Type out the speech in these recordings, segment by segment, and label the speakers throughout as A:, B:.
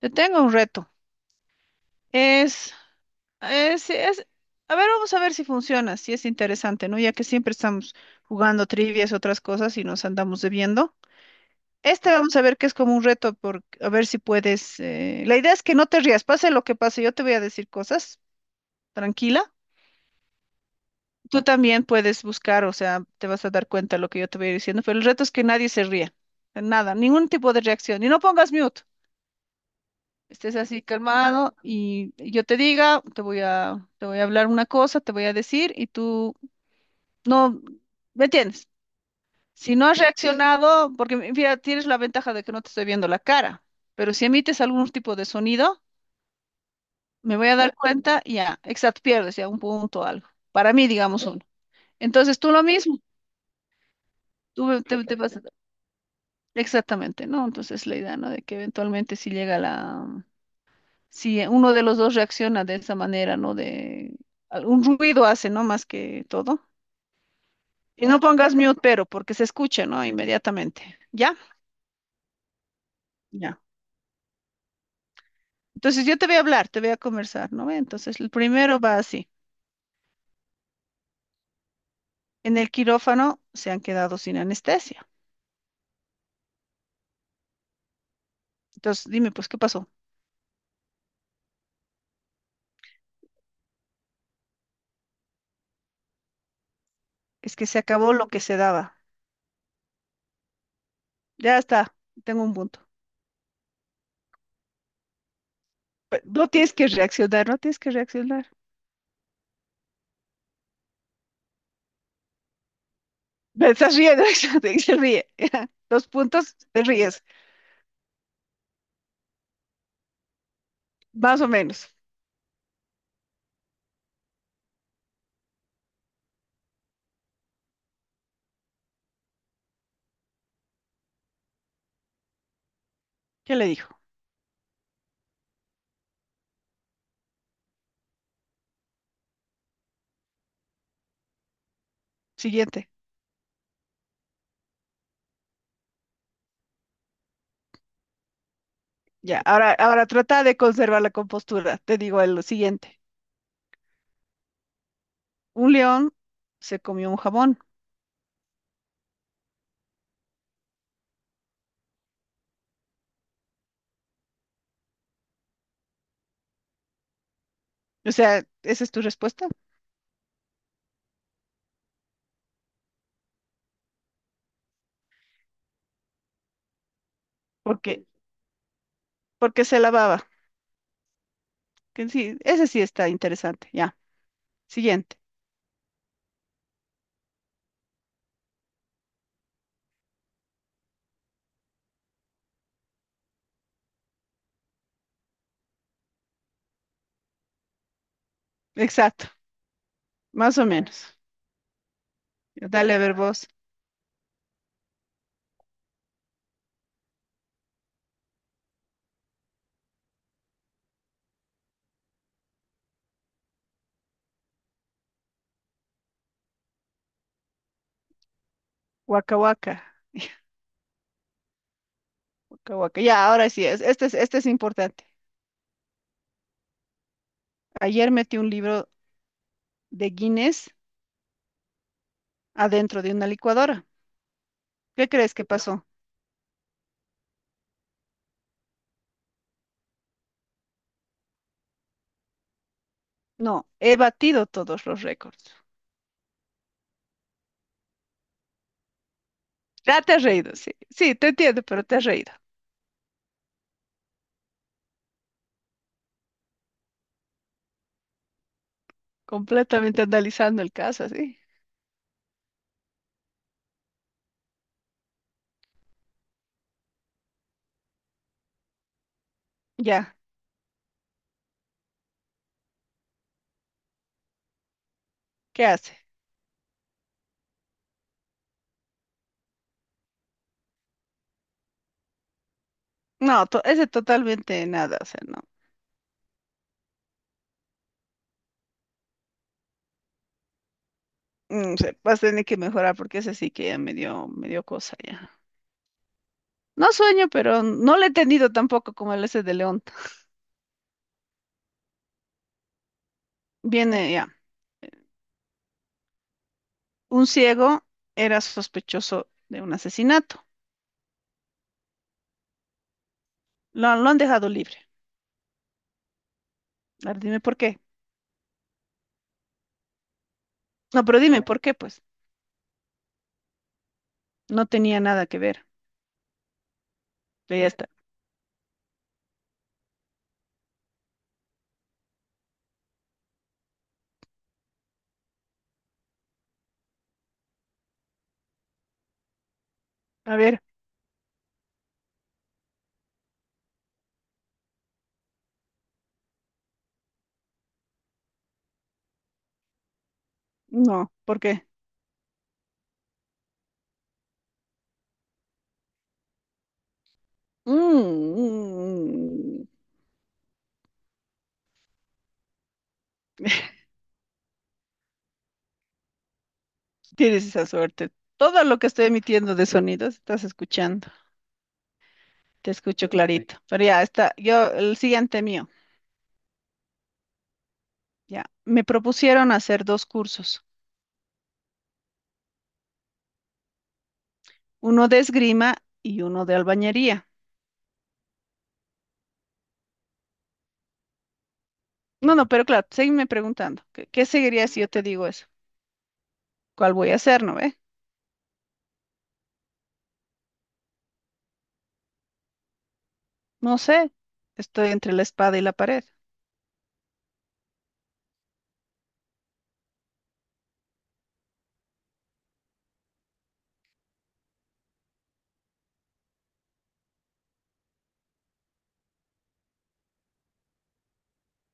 A: Te tengo un reto. Es, es, es- a ver, vamos a ver si funciona, si es interesante, ¿no? Ya que siempre estamos jugando trivias, otras cosas y nos andamos debiendo. Este vamos a ver que es como un reto, por, a ver si puedes. La idea es que no te rías, pase lo que pase, yo te voy a decir cosas, tranquila. Tú también puedes buscar, o sea, te vas a dar cuenta de lo que yo te voy diciendo, pero el reto es que nadie se ría, nada, ningún tipo de reacción. Y no pongas mute. Estés así calmado y yo te diga, te voy a hablar una cosa, te voy a decir y tú no, ¿me entiendes? Si no has sí reaccionado, porque mira, tienes la ventaja de que no te estoy viendo la cara, pero si emites algún tipo de sonido, me voy a dar cuenta, y ya, exacto, pierdes ya un punto o algo. Para mí, digamos uno. Entonces tú lo mismo, tú te, te vas a- exactamente, ¿no? Entonces la idea, ¿no? De que eventualmente si llega la Si uno de los dos reacciona de esa manera, ¿no? De un ruido hace, ¿no? Más que todo. Y no pongas mute, pero, porque se escucha, ¿no? Inmediatamente. ¿Ya? Ya. Entonces yo te voy a hablar, te voy a conversar, ¿no? Ve, entonces el primero va así. En el quirófano se han quedado sin anestesia. Entonces dime, pues, ¿qué pasó? Es que se acabó lo que se daba. Ya está, tengo un punto. No tienes que reaccionar, no tienes que reaccionar. Me estás riendo, se ríe. Dos puntos, te ríes, más o menos. ¿Qué le dijo? Siguiente. Ya, ahora, ahora trata de conservar la compostura. Te digo el siguiente. Un león se comió un jabón. O sea, esa es tu respuesta. Porque, porque se lavaba. Que sí, ese sí está interesante. Ya. Siguiente. Exacto. Más o menos. Dale a ver vos. Waka waka. Waka waka. Ya, ahora sí es. Este es importante. Ayer metí un libro de Guinness adentro de una licuadora. ¿Qué crees que pasó? No, he batido todos los récords. Ya te has reído, sí. Sí, te entiendo, pero te has reído. Completamente analizando el caso, sí. Ya, ¿qué hace? No, ese totalmente nada, o sea, no. Mm, vas a tener que mejorar porque ese sí que ya me dio cosa ya. No sueño, pero no le he tenido tampoco como el ese de León. Viene ya. Un ciego era sospechoso de un asesinato. Lo han dejado libre. A ver, dime por qué. No, pero dime por qué, pues. No tenía nada que ver. Pero ya está. A ver, no, ¿por qué? Mm, tienes esa suerte. Todo lo que estoy emitiendo de sonidos estás escuchando. Te escucho sí clarito. Pero ya está. Yo, el siguiente mío. Ya. Me propusieron hacer dos cursos, uno de esgrima y uno de albañería. No, no, pero claro, seguime preguntando. ¿Qué seguiría si yo te digo eso? ¿Cuál voy a hacer, no ve? No sé. Estoy entre la espada y la pared.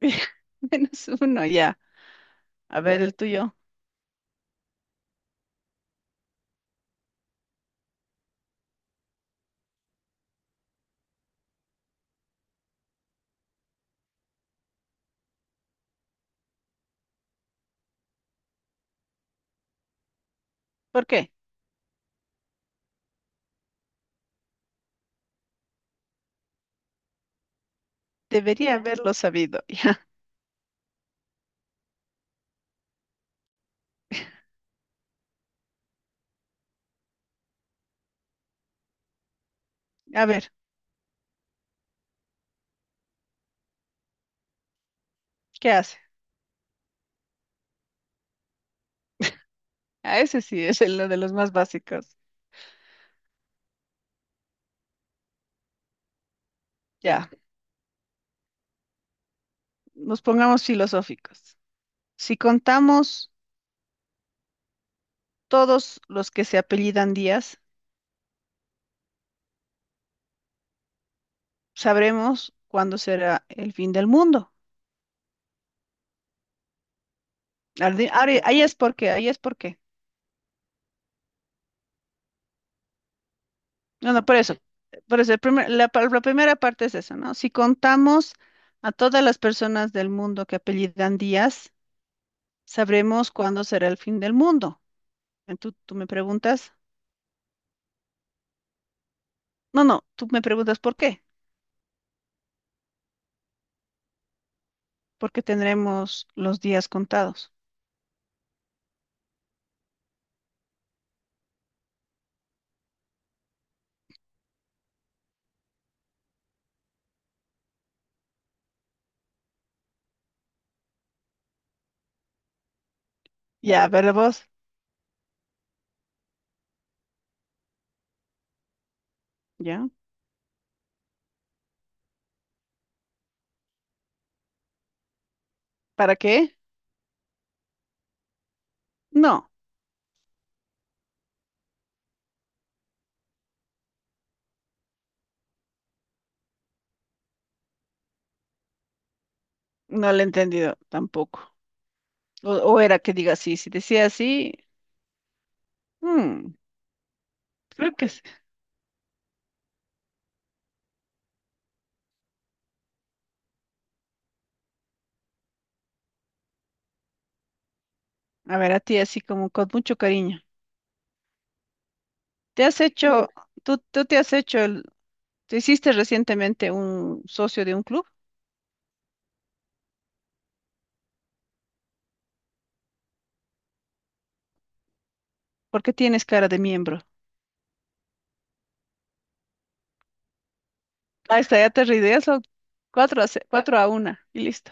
A: Menos uno, ya. A ver el tuyo. ¿Por qué? Debería haberlo sabido. Ya. A ver, ¿qué haces? A ese sí es el de los más básicos. Ya, nos pongamos filosóficos. Si contamos todos los que se apellidan Díaz, sabremos cuándo será el fin del mundo. Ahí es porque, ahí es porque. No, no, por eso. Por eso, el primer- la, pa- la primera parte es eso, ¿no? Si contamos a todas las personas del mundo que apellidan Díaz, sabremos cuándo será el fin del mundo. Tú me preguntas? No, no, tú me preguntas por qué. Porque tendremos los días contados. Ya, pero vos, ¿ya? ¿Para qué? No, no lo he entendido tampoco. O era que diga así, si decía así, mm, creo que sí. A ver, a ti así como con mucho cariño. ¿Te has hecho, tú, ¿tú te has hecho el, te hiciste recientemente un socio de un club? ¿Por qué tienes cara de miembro? Ahí está, ya te rideas, son cuatro a una y listo.